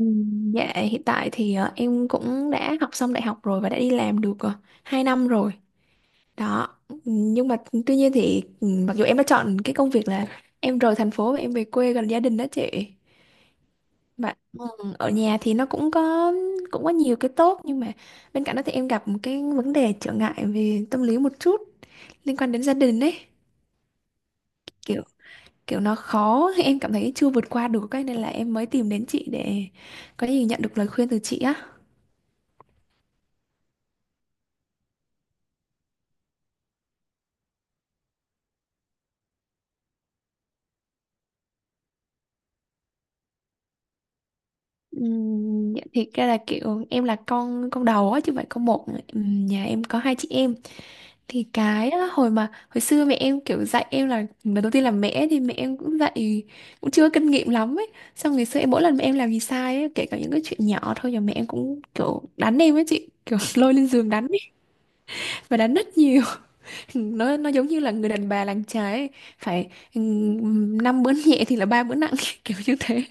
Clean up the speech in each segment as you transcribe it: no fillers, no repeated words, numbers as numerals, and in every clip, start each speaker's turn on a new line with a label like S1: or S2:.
S1: Ừ, dạ hiện tại thì em cũng đã học xong đại học rồi và đã đi làm được 2 năm rồi đó. Ừ, nhưng mà tuy nhiên thì mặc dù em đã chọn cái công việc là em rời thành phố và em về quê gần gia đình đó chị, mà ở nhà thì nó cũng có có nhiều cái tốt, nhưng mà bên cạnh đó thì em gặp một cái vấn đề trở ngại về tâm lý một chút liên quan đến gia đình ấy, kiểu kiểu nó khó em cảm thấy chưa vượt qua được cái nên là em mới tìm đến chị để có gì nhận được lời khuyên từ chị á. Dạ, thiệt ra là kiểu em là con đầu á chứ không phải con một. Nhà em có hai chị em, thì cái đó, hồi xưa mẹ em kiểu dạy em là lần đầu tiên là mẹ, thì mẹ em cũng dạy cũng chưa có kinh nghiệm lắm ấy, xong ngày xưa em mỗi lần mẹ em làm gì sai ấy, kể cả những cái chuyện nhỏ thôi là mẹ em cũng kiểu đánh em ấy chị, kiểu lôi lên giường đánh ấy, và đánh rất nhiều. Nó giống như là người đàn bà làng trái ấy. Phải, năm bữa nhẹ thì là ba bữa nặng, kiểu như thế.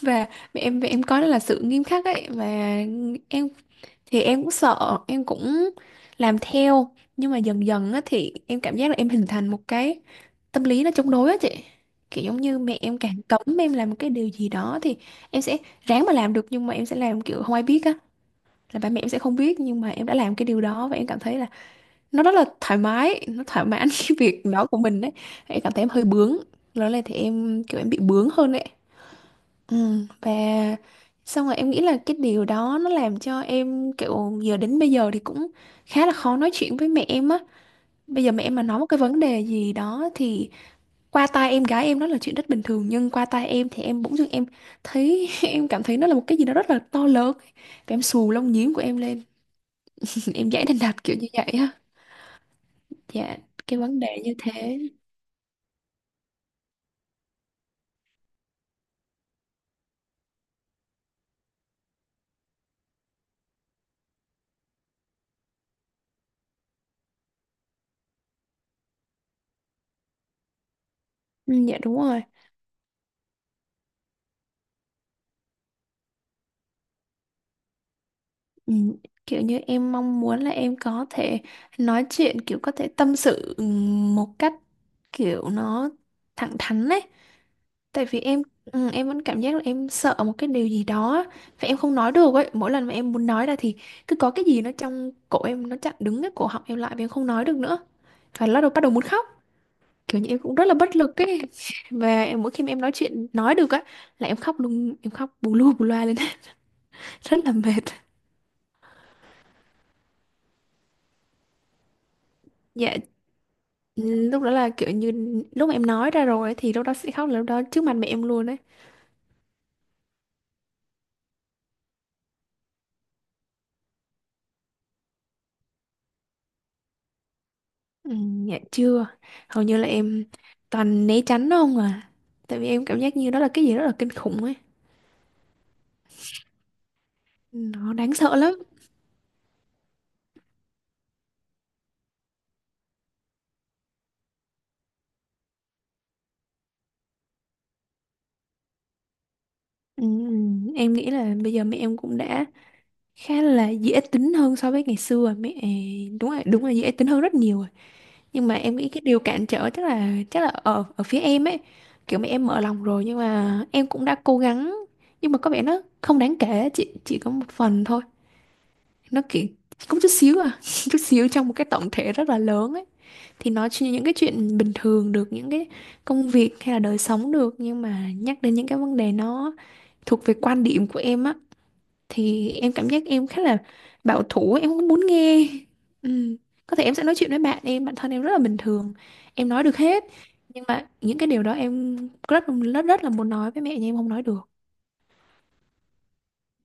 S1: Và mẹ em có đó là sự nghiêm khắc ấy, và em thì em cũng sợ, em cũng làm theo, nhưng mà dần dần á thì em cảm giác là em hình thành một cái tâm lý nó chống đối á chị, kiểu giống như mẹ em càng cấm em làm một cái điều gì đó thì em sẽ ráng mà làm được, nhưng mà em sẽ làm kiểu không ai biết á, là ba mẹ em sẽ không biết nhưng mà em đã làm cái điều đó, và em cảm thấy là nó rất là thoải mái, nó thỏa mãn cái việc đó của mình đấy. Em cảm thấy em hơi bướng, lớn là thì em kiểu em bị bướng hơn đấy. Ừ, và xong rồi em nghĩ là cái điều đó nó làm cho em kiểu giờ đến bây giờ thì cũng khá là khó nói chuyện với mẹ em á. Bây giờ mẹ em mà nói một cái vấn đề gì đó thì qua tai em gái em nó là chuyện rất bình thường, nhưng qua tai em thì em bỗng dưng em thấy em cảm thấy nó là một cái gì đó rất là to lớn, và em xù lông nhím của em lên, em giải đành đạch kiểu như vậy á. Dạ cái vấn đề như thế, ừ, dạ đúng rồi. Ừ, kiểu như em mong muốn là em có thể nói chuyện, kiểu có thể tâm sự một cách kiểu nó thẳng thắn ấy, tại vì em em vẫn cảm giác là em sợ một cái điều gì đó á, và em không nói được ấy, mỗi lần mà em muốn nói ra thì cứ có cái gì nó trong cổ em nó chặn đứng cái cổ họng em lại và em không nói được nữa, và lúc đầu bắt đầu muốn khóc, kiểu như em cũng rất là bất lực ấy. Và mỗi khi mà em nói chuyện nói được á là em khóc luôn, em khóc bù lu bù loa lên, rất là mệt. Dạ, ừ, lúc đó là kiểu như lúc mà em nói ra rồi ấy, thì lúc đó sẽ khóc là lúc đó trước mặt mẹ em luôn đấy. Ừ, dạ chưa, hầu như là em toàn né tránh nó không à, tại vì em cảm giác như đó là cái gì rất là kinh khủng ấy, nó đáng sợ lắm. Ừ, em nghĩ là bây giờ mẹ em cũng đã khá là dễ tính hơn so với ngày xưa mẹ, đúng rồi đúng là dễ tính hơn rất nhiều rồi, nhưng mà em nghĩ cái điều cản trở chắc là ở ở phía em ấy, kiểu mẹ em mở lòng rồi nhưng mà em cũng đã cố gắng, nhưng mà có vẻ nó không đáng kể, chỉ có một phần thôi, nó kiểu cũng chút xíu à, chút xíu trong một cái tổng thể rất là lớn ấy, thì nói chuyện những cái chuyện bình thường được, những cái công việc hay là đời sống được, nhưng mà nhắc đến những cái vấn đề nó thuộc về quan điểm của em á, thì em cảm giác em khá là bảo thủ, em không muốn nghe. Ừ. Có thể em sẽ nói chuyện với bạn em bản thân em rất là bình thường, em nói được hết, nhưng mà những cái điều đó em rất rất rất là muốn nói với mẹ nhưng em không nói được.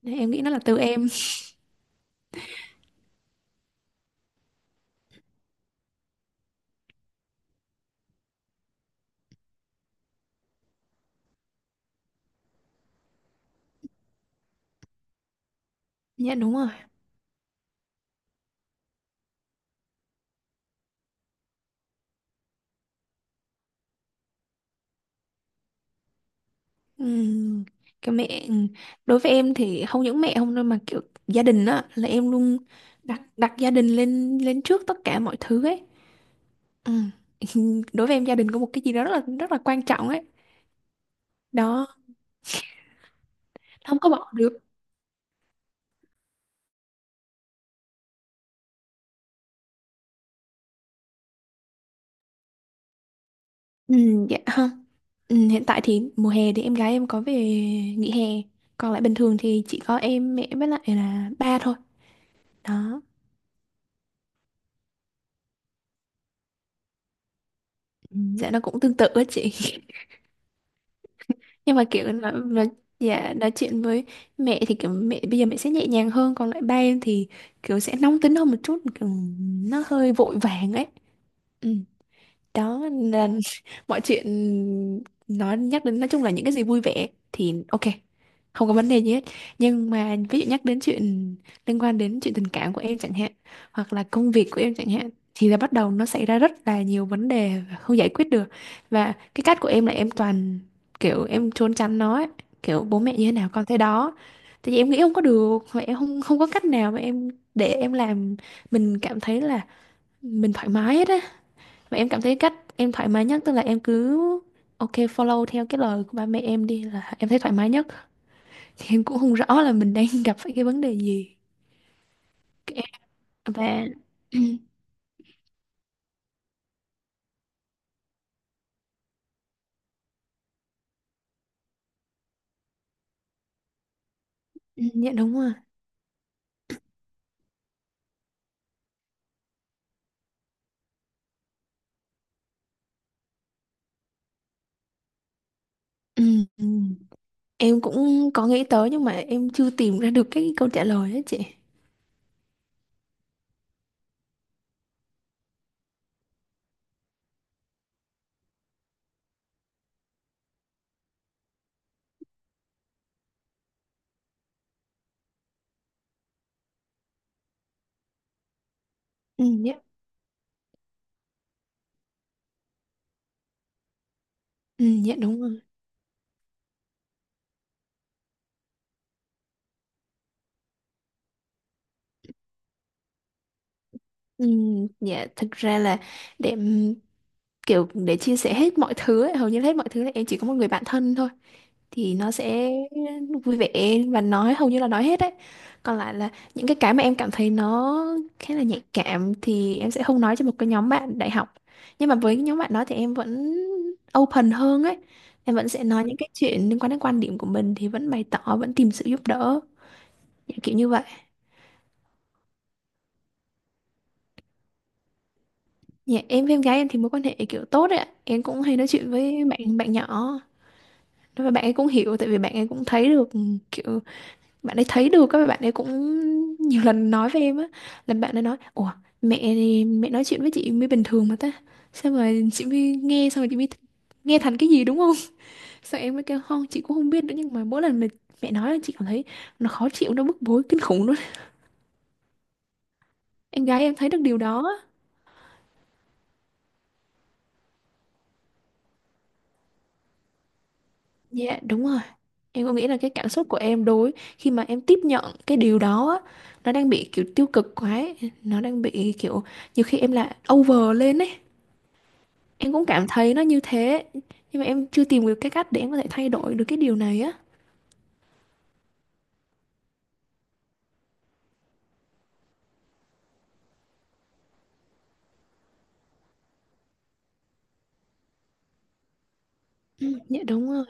S1: Nên em nghĩ nó là từ em. Dạ đúng rồi. Ừ. Cái mẹ, ừ. Đối với em thì không những mẹ không đâu, mà kiểu gia đình á, là em luôn đặt đặt gia đình lên lên trước tất cả mọi thứ ấy. Ừ. Đối với em gia đình có một cái gì đó rất là quan trọng ấy, đó, không có bỏ được. Ừ, dạ ha. Ừ, hiện tại thì mùa hè thì em gái em có về nghỉ hè. Còn lại bình thường thì chỉ có em, mẹ với lại là ba thôi. Đó. Ừ. Dạ nó cũng tương tự á chị. Nhưng mà kiểu nó dạ nói chuyện với mẹ thì kiểu mẹ bây giờ mẹ sẽ nhẹ nhàng hơn, còn lại ba em thì kiểu sẽ nóng tính hơn một chút, kiểu nó hơi vội vàng ấy. Ừ. Đó là mọi chuyện nó nhắc đến, nói chung là những cái gì vui vẻ thì ok, không có vấn đề gì hết, nhưng mà ví dụ nhắc đến chuyện liên quan đến chuyện tình cảm của em chẳng hạn, hoặc là công việc của em chẳng hạn, thì là bắt đầu nó xảy ra rất là nhiều vấn đề và không giải quyết được, và cái cách của em là em toàn kiểu em trốn tránh nó ấy, kiểu bố mẹ như thế nào con thế đó, tại vì em nghĩ không có được, và em không không có cách nào mà em để em làm mình cảm thấy là mình thoải mái hết á, mà em cảm thấy cách em thoải mái nhất tức là em cứ ok follow theo cái lời của ba mẹ em đi là em thấy thoải mái nhất. Thì em cũng không rõ là mình đang gặp phải cái vấn đề gì. Cái- Và dạ đúng rồi. Ừ, ừ. Em cũng có nghĩ tới nhưng mà em chưa tìm ra được cái câu trả lời á chị. Ừ, dạ. Ừ, dạ đúng rồi. Ừ, dạ thực ra là để kiểu để chia sẻ hết mọi thứ ấy, hầu như là hết mọi thứ là em chỉ có một người bạn thân thôi, thì nó sẽ vui vẻ và nói hầu như là nói hết đấy, còn lại là những cái mà em cảm thấy nó khá là nhạy cảm thì em sẽ không nói cho một cái nhóm bạn đại học, nhưng mà với cái nhóm bạn đó thì em vẫn open hơn ấy, em vẫn sẽ nói những cái chuyện liên quan đến quan điểm của mình thì vẫn bày tỏ vẫn tìm sự giúp đỡ. Dạ, kiểu như vậy. Dạ, em với em gái em thì mối quan hệ kiểu tốt đấy ạ. Em cũng hay nói chuyện với bạn bạn nhỏ, và bạn ấy cũng hiểu, tại vì bạn ấy cũng thấy được, kiểu bạn ấy thấy được, các bạn ấy cũng nhiều lần nói với em á, là bạn ấy nói ủa mẹ nói chuyện với chị mới bình thường mà ta, sao mà chị mới nghe xong rồi chị mới nghe thành cái gì đúng không, sao em mới kêu không chị cũng không biết nữa, nhưng mà mỗi lần mà mẹ nói là chị cảm thấy nó khó chịu, nó bức bối kinh khủng luôn. Em gái em thấy được điều đó á. Dạ đúng rồi. Em có nghĩ là cái cảm xúc của em đối khi mà em tiếp nhận cái điều đó á, nó đang bị kiểu tiêu cực quá ấy. Nó đang bị kiểu nhiều khi em là over lên ấy. Em cũng cảm thấy nó như thế. Nhưng mà em chưa tìm được cái cách để em có thể thay đổi được cái điều này á. Ừ, dạ đúng rồi.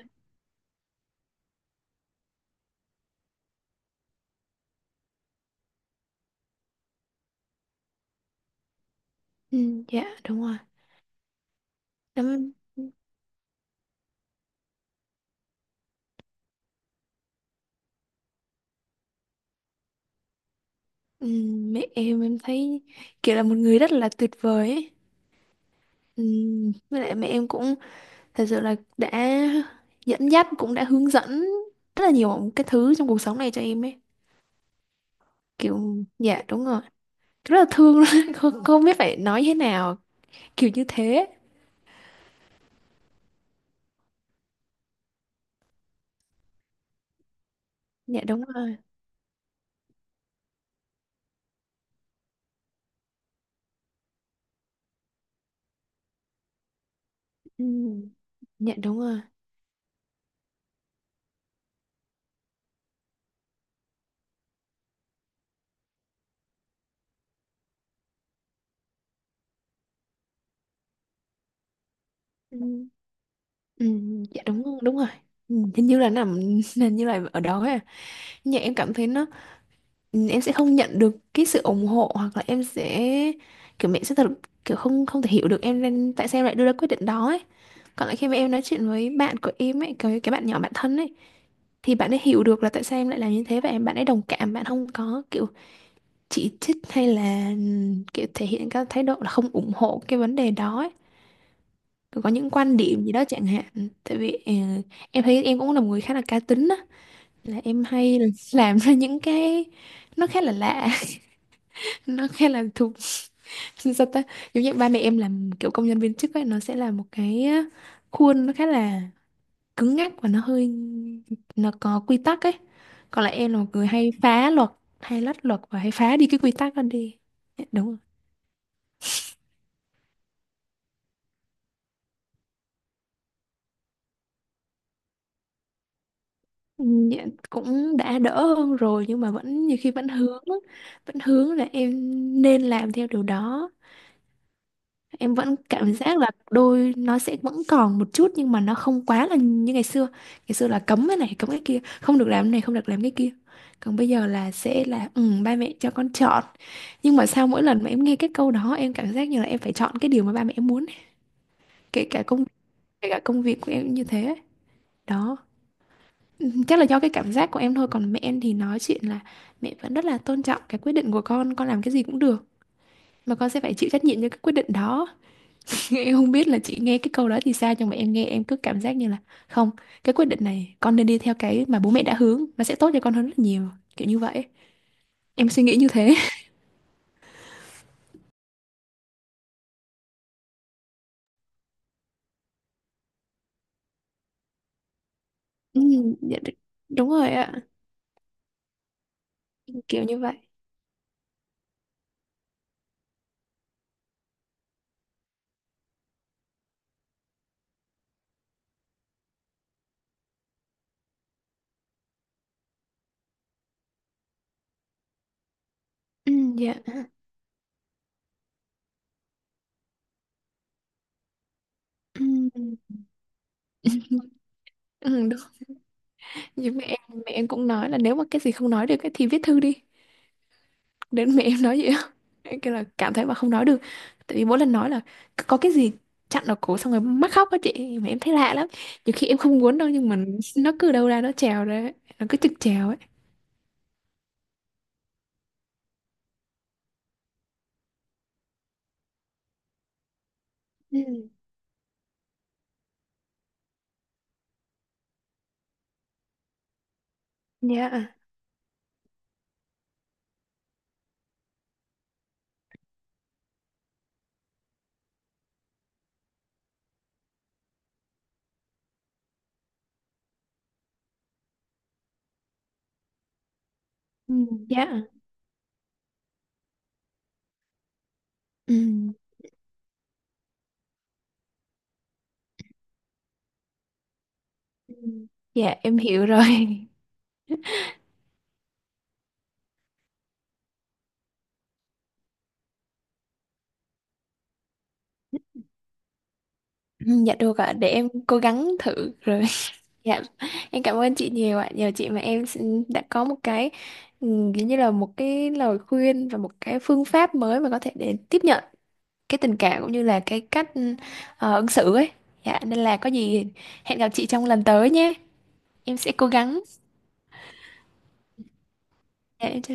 S1: Ừ, dạ đúng rồi. Em, ừ, mẹ em thấy kiểu là một người rất là tuyệt vời ấy. Ừ, với lại mẹ em cũng thật sự là đã dẫn dắt, cũng đã hướng dẫn rất là nhiều cái thứ trong cuộc sống này cho em ấy. Kiểu, dạ đúng rồi, rất là thương luôn không, không biết phải nói thế nào, kiểu như thế. Dạ đúng rồi. ừ. Dạ đúng rồi. Ừ. Ừ. Dạ đúng đúng rồi. Hình như là nằm hình như là ở đó ấy. À, nhưng em cảm thấy nó, ừ, em sẽ không nhận được cái sự ủng hộ, hoặc là em sẽ kiểu mẹ sẽ thật kiểu không, không thể hiểu được em, nên tại sao em lại đưa ra quyết định đó ấy. Còn lại khi mà em nói chuyện với bạn của em ấy, cái bạn nhỏ, bạn thân ấy, thì bạn ấy hiểu được là tại sao em lại làm như thế, và em bạn ấy đồng cảm, bạn không có kiểu chỉ trích hay là kiểu thể hiện các thái độ là không ủng hộ cái vấn đề đó ấy. Rồi có những quan điểm gì đó chẳng hạn. Tại vì em thấy em cũng là một người khá là cá tính á, là em hay làm ra những cái nó khá là lạ, nó khá là thuộc sao ta, giống như ba mẹ em làm kiểu công nhân viên chức ấy, nó sẽ là một cái á, khuôn nó khá là cứng nhắc và nó hơi, nó có quy tắc ấy, còn lại em là một người hay phá luật, hay lách luật và hay phá đi cái quy tắc đó đi. Dạ, đúng rồi. Ừ, dạ, cũng đã đỡ hơn rồi, nhưng mà vẫn nhiều khi vẫn hướng á, vẫn hướng là em nên làm theo điều đó. Em vẫn cảm giác là đôi nó sẽ vẫn còn một chút, nhưng mà nó không quá là như ngày xưa. Ngày xưa là cấm cái này cấm cái kia, không được làm cái này không được làm cái kia, còn bây giờ là sẽ là, ừ, ba mẹ cho con chọn. Nhưng mà sao mỗi lần mà em nghe cái câu đó, em cảm giác như là em phải chọn cái điều mà ba mẹ em muốn ấy. kể cả công Kể cả công việc của em cũng như thế ấy. Đó. Ừ, chắc là do cái cảm giác của em thôi, còn mẹ em thì nói chuyện là mẹ vẫn rất là tôn trọng cái quyết định của con làm cái gì cũng được, mà con sẽ phải chịu trách nhiệm cho cái quyết định đó. Em không biết là chị nghe cái câu đó thì sao, nhưng mà em nghe em cứ cảm giác như là không, cái quyết định này con nên đi theo cái mà bố mẹ đã hướng, nó sẽ tốt cho con hơn rất là nhiều, kiểu như vậy. Em suy nghĩ như thế. Ừ, dạ, đúng rồi ạ, kiểu như vậy. Ừ, dạ. Ừ. Ừ, đúng. Nhưng mẹ em cũng nói là nếu mà cái gì không nói được ấy thì viết thư đi. Đến mẹ em nói vậy á. Cái là cảm thấy mà không nói được, tại vì mỗi lần nói là có cái gì chặn ở cổ xong rồi mắc khóc á chị, mà em thấy lạ lắm, nhiều khi em không muốn đâu, nhưng mà nó cứ đâu ra nó trèo ra ấy. Nó cứ trực trèo ấy. Ừ, dạ. Ừ, dạ. Ừ. Ừ. Dạ em hiểu rồi. Ừ, dạ được ạ, để em cố gắng thử rồi. Dạ em cảm ơn chị nhiều ạ, nhờ chị mà em đã có một cái, ừ, kiểu như là một cái lời khuyên và một cái phương pháp mới mà có thể để tiếp nhận cái tình cảm cũng như là cái cách, ứng xử ấy. Dạ, nên là có gì hẹn gặp chị trong lần tới nhé. Em sẽ cố gắng. Dạ, em chào chị.